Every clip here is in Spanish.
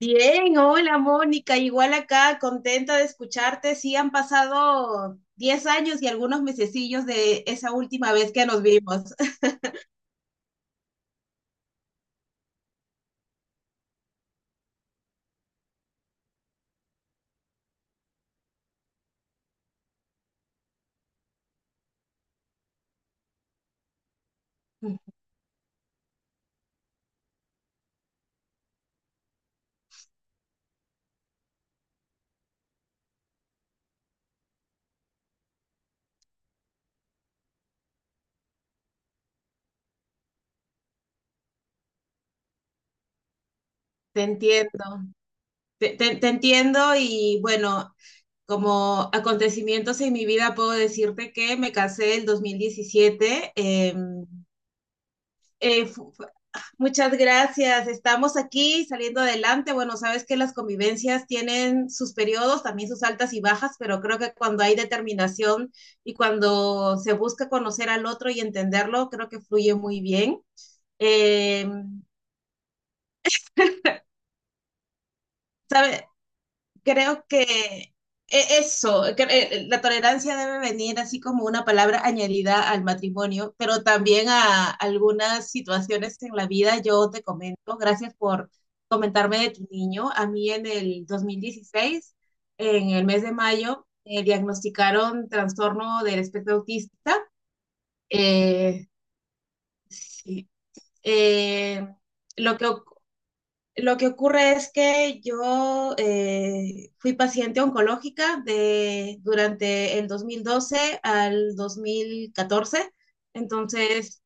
Bien, hola Mónica, igual acá, contenta de escucharte. Sí, han pasado 10 años y algunos mesecillos de esa última vez que nos vimos. Te entiendo, te entiendo y bueno, como acontecimientos en mi vida puedo decirte que me casé el 2017. Eh, fu- Muchas gracias. Estamos aquí saliendo adelante. Bueno, sabes que las convivencias tienen sus periodos, también sus altas y bajas, pero creo que cuando hay determinación y cuando se busca conocer al otro y entenderlo, creo que fluye muy bien. Eh, Creo que eso, que, la tolerancia debe venir así como una palabra añadida al matrimonio, pero también a algunas situaciones en la vida. Yo te comento, gracias por comentarme de tu niño. A mí en el 2016 en el mes de mayo, me diagnosticaron trastorno del espectro autista. Eh, sí, eh, lo que, lo que ocurre es que yo fui paciente oncológica de, durante el 2012 al 2014. Entonces,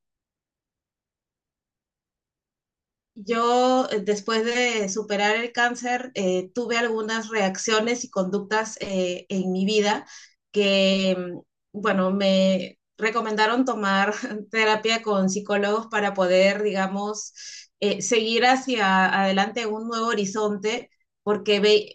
yo después de superar el cáncer, tuve algunas reacciones y conductas en mi vida que, bueno, me recomendaron tomar terapia con psicólogos para poder, digamos, seguir hacia adelante un nuevo horizonte, porque ve-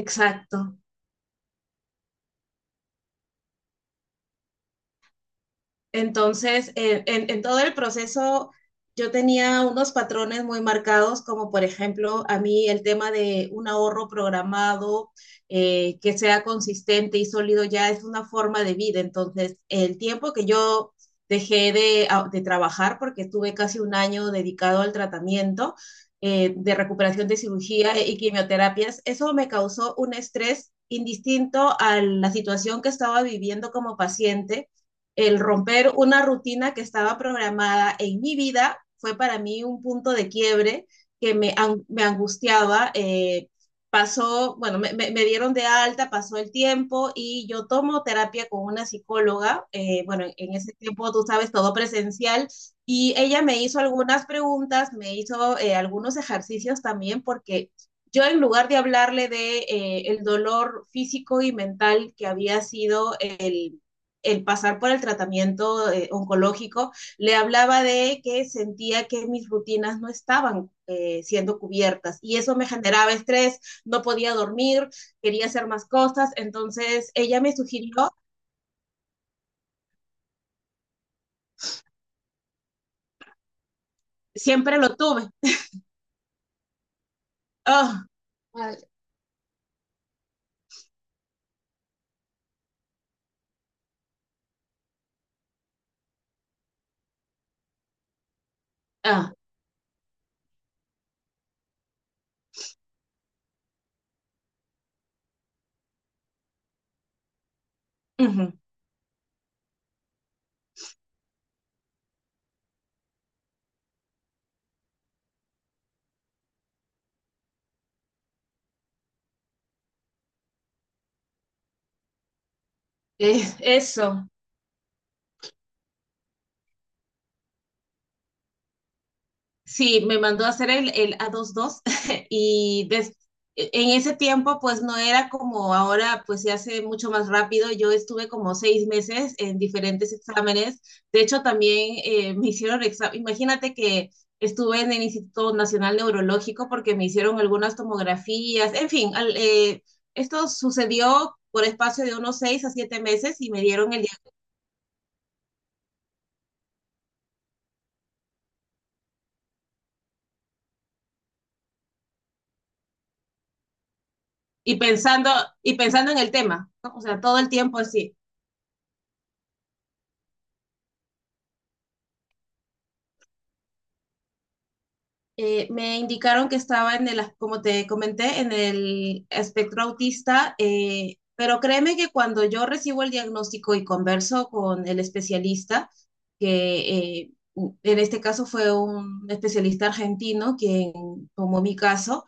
Exacto. Entonces, en todo el proceso yo tenía unos patrones muy marcados, como por ejemplo, a mí el tema de un ahorro programado que sea consistente y sólido ya es una forma de vida. Entonces, el tiempo que yo dejé de, de trabajar, porque tuve casi un año dedicado al tratamiento de recuperación de cirugía y quimioterapias, eso me causó un estrés indistinto a la situación que estaba viviendo como paciente. El romper una rutina que estaba programada en mi vida fue para mí un punto de quiebre que me, me angustiaba. Pasó, bueno, me dieron de alta, pasó el tiempo y yo tomo terapia con una psicóloga. Bueno, en ese tiempo, tú sabes, todo presencial. Y ella me hizo algunas preguntas, me hizo algunos ejercicios también porque yo en lugar de hablarle de el dolor físico y mental que había sido el pasar por el tratamiento oncológico, le hablaba de que sentía que mis rutinas no estaban siendo cubiertas y eso me generaba estrés, no podía dormir, quería hacer más cosas, entonces ella me sugirió. Siempre lo tuve. Oh, oh, uh -huh. es, eso, Sí, me mandó a hacer el A22 y des- en ese tiempo pues no era como ahora, pues se hace mucho más rápido. Yo estuve como 6 meses en diferentes exámenes. De hecho, también me hicieron examen. Imagínate que estuve en el Instituto Nacional Neurológico porque me hicieron algunas tomografías. En fin, esto sucedió por espacio de unos 6 a 7 meses y me dieron el. Y pensando, y pensando en el tema, ¿no? O sea, todo el tiempo así. Me indicaron que estaba en el, como te comenté, en el espectro autista, pero créeme que cuando yo recibo el diagnóstico y converso con el especialista, que en este caso fue un especialista argentino quien tomó mi caso,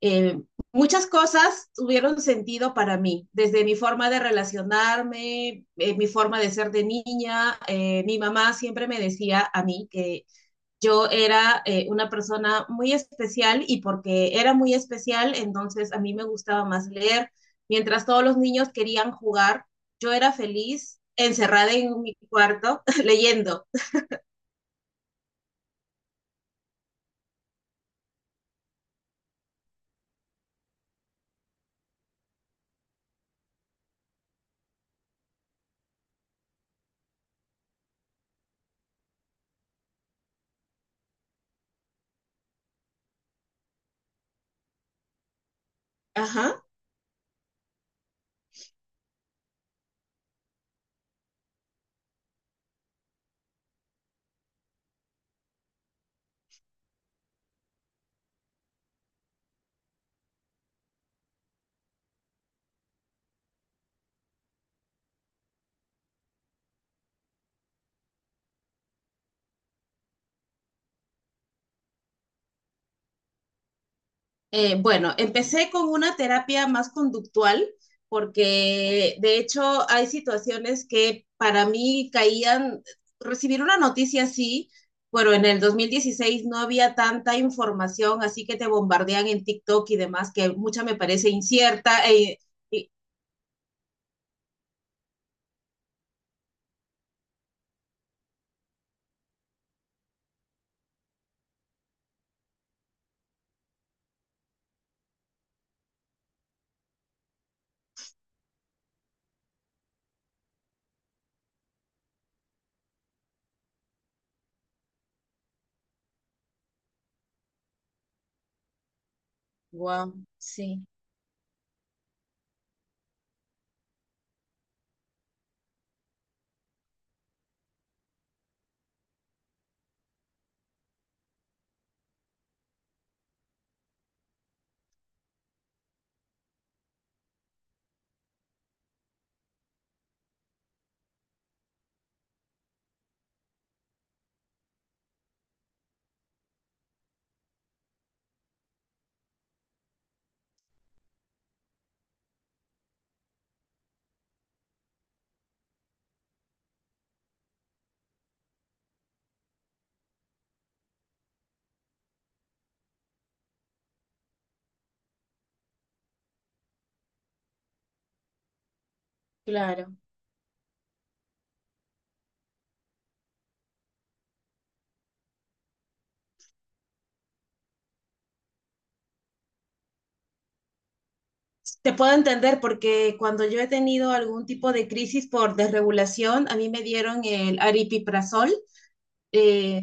eh, muchas cosas tuvieron sentido para mí, desde mi forma de relacionarme, mi forma de ser de niña. Mi mamá siempre me decía a mí que yo era una persona muy especial y porque era muy especial, entonces a mí me gustaba más leer. Mientras todos los niños querían jugar, yo era feliz encerrada en mi cuarto leyendo. Ajá. Bueno, empecé con una terapia más conductual porque de hecho hay situaciones que para mí caían, recibir una noticia así, bueno, en el 2016 no había tanta información, así que te bombardean en TikTok y demás, que mucha me parece incierta. Y, wow, sí, claro. Te puedo entender porque cuando yo he tenido algún tipo de crisis por desregulación, a mí me dieron el aripiprazol. eh,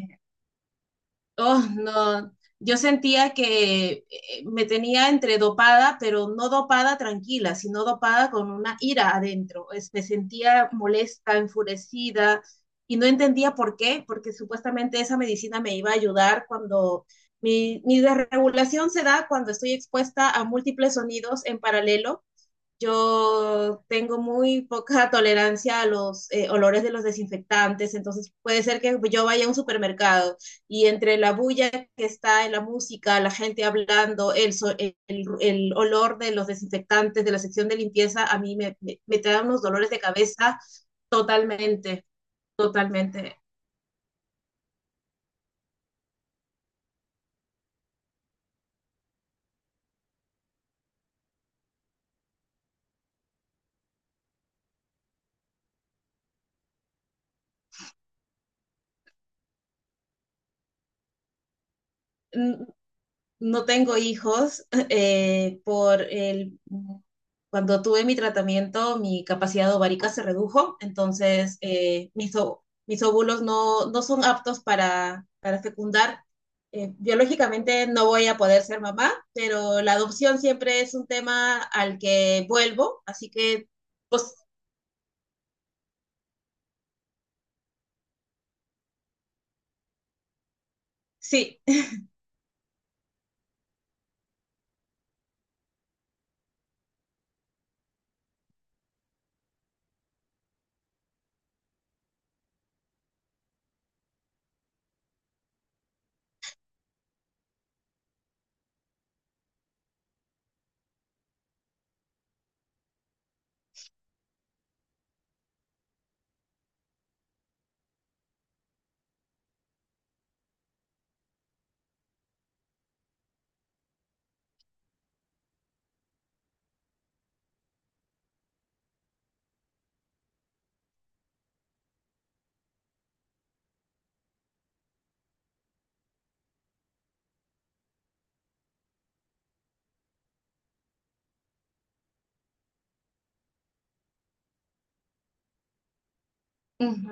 Oh, no, yo sentía que me tenía entre dopada, pero no dopada tranquila, sino dopada con una ira adentro. Me sentía molesta, enfurecida y no entendía por qué, porque supuestamente esa medicina me iba a ayudar cuando mi desregulación se da cuando estoy expuesta a múltiples sonidos en paralelo. Yo tengo muy poca tolerancia a los olores de los desinfectantes, entonces puede ser que yo vaya a un supermercado y entre la bulla que está en la música, la gente hablando, el olor de los desinfectantes de la sección de limpieza, a mí me trae unos dolores de cabeza. Totalmente, totalmente. Mm, no tengo hijos. Cuando tuve mi tratamiento, mi capacidad ovárica se redujo, entonces mis óvulos no son aptos para fecundar. Biológicamente no voy a poder ser mamá, pero la adopción siempre es un tema al que vuelvo, así que, pues sí. Ujú.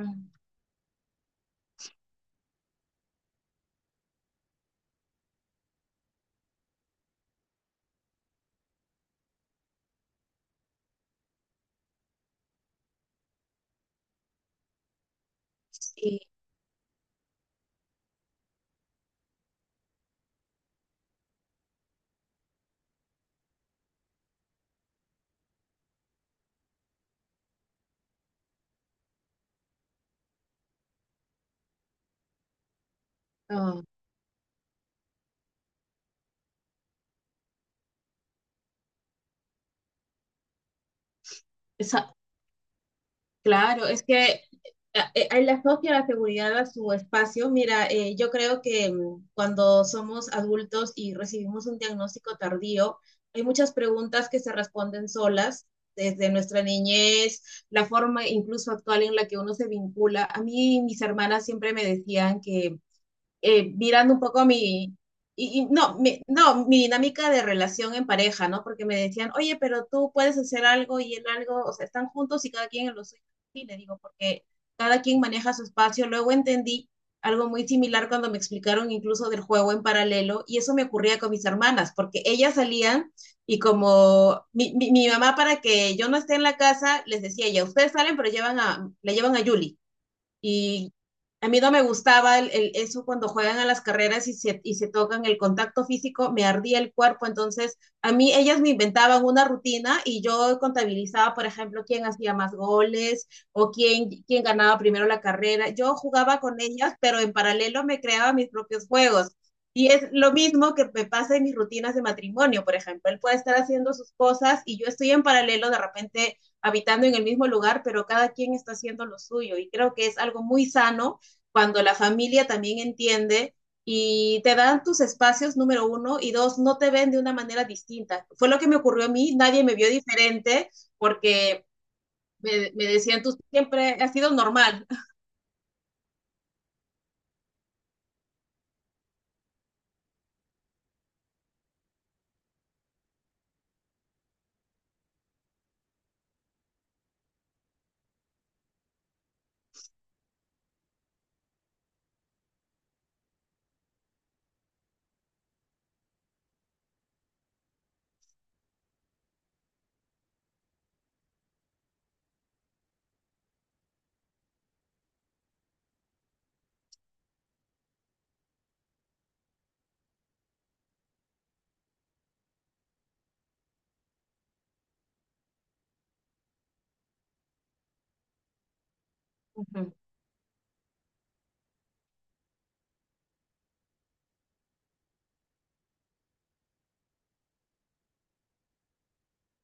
Sí, no. esa- Claro, es que él asocia la seguridad a su espacio. Mira, yo creo que cuando somos adultos y recibimos un diagnóstico tardío, hay muchas preguntas que se responden solas desde nuestra niñez, la forma incluso actual en la que uno se vincula. A mí mis hermanas siempre me decían que mirando un poco mi, y no, mi, no, mi dinámica de relación en pareja, ¿no? Porque me decían, oye, pero tú puedes hacer algo y él algo, o sea, están juntos y cada quien en lo suyo. Y le digo, porque cada quien maneja su espacio. Luego entendí algo muy similar cuando me explicaron incluso del juego en paralelo, y eso me ocurría con mis hermanas, porque ellas salían y como mi mamá para que yo no esté en la casa, les decía, ya ustedes salen, pero la llevan a Yuli. Y a mí no me gustaba el- eso cuando juegan a las carreras y se tocan el contacto físico, me ardía el cuerpo. Entonces, a mí ellas me inventaban una rutina y yo contabilizaba, por ejemplo, quién hacía más goles o quién ganaba primero la carrera. Yo jugaba con ellas, pero en paralelo me creaba mis propios juegos. Y es lo mismo que me pasa en mis rutinas de matrimonio, por ejemplo. Él puede estar haciendo sus cosas y yo estoy en paralelo de repente habitando en el mismo lugar, pero cada quien está haciendo lo suyo. Y creo que es algo muy sano cuando la familia también entiende y te dan tus espacios, número uno, y dos, no te ven de una manera distinta. Fue lo que me ocurrió a mí, nadie me vio diferente porque me decían, tú siempre has sido normal. Uh -huh.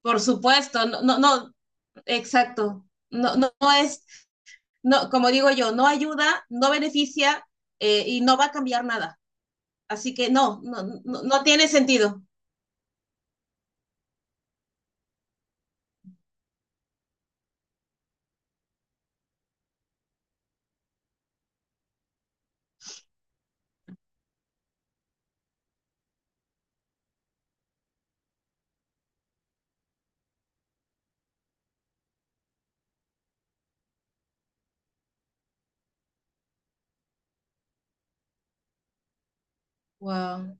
Por supuesto, no, no, no, exacto. No, no, no, no, como digo yo, no ayuda, no beneficia y no va a cambiar nada. Así que no, no, no, no tiene sentido. Wow.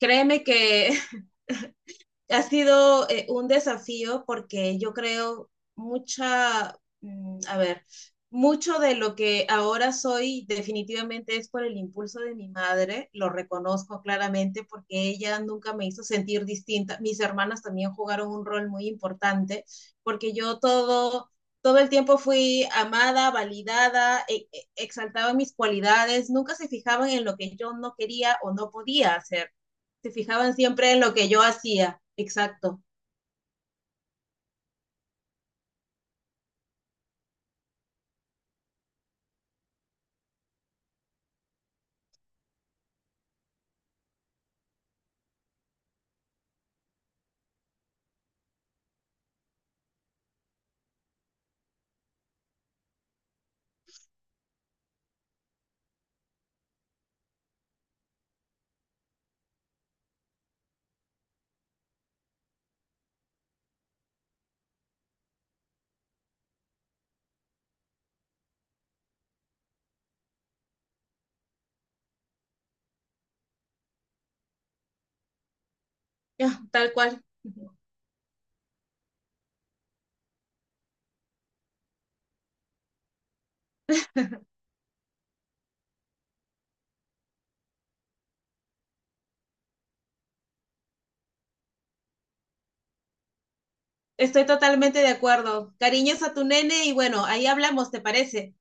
Créeme que ha sido un desafío porque yo creo a ver, mucho de lo que ahora soy definitivamente es por el impulso de mi madre, lo reconozco claramente porque ella nunca me hizo sentir distinta. Mis hermanas también jugaron un rol muy importante porque yo todo el tiempo fui amada, validada, exaltaba mis cualidades, nunca se fijaban en lo que yo no quería o no podía hacer. Se fijaban siempre en lo que yo hacía. Exacto. Ya, tal cual. Estoy totalmente de acuerdo. Cariños a tu nene y bueno, ahí hablamos, ¿te parece?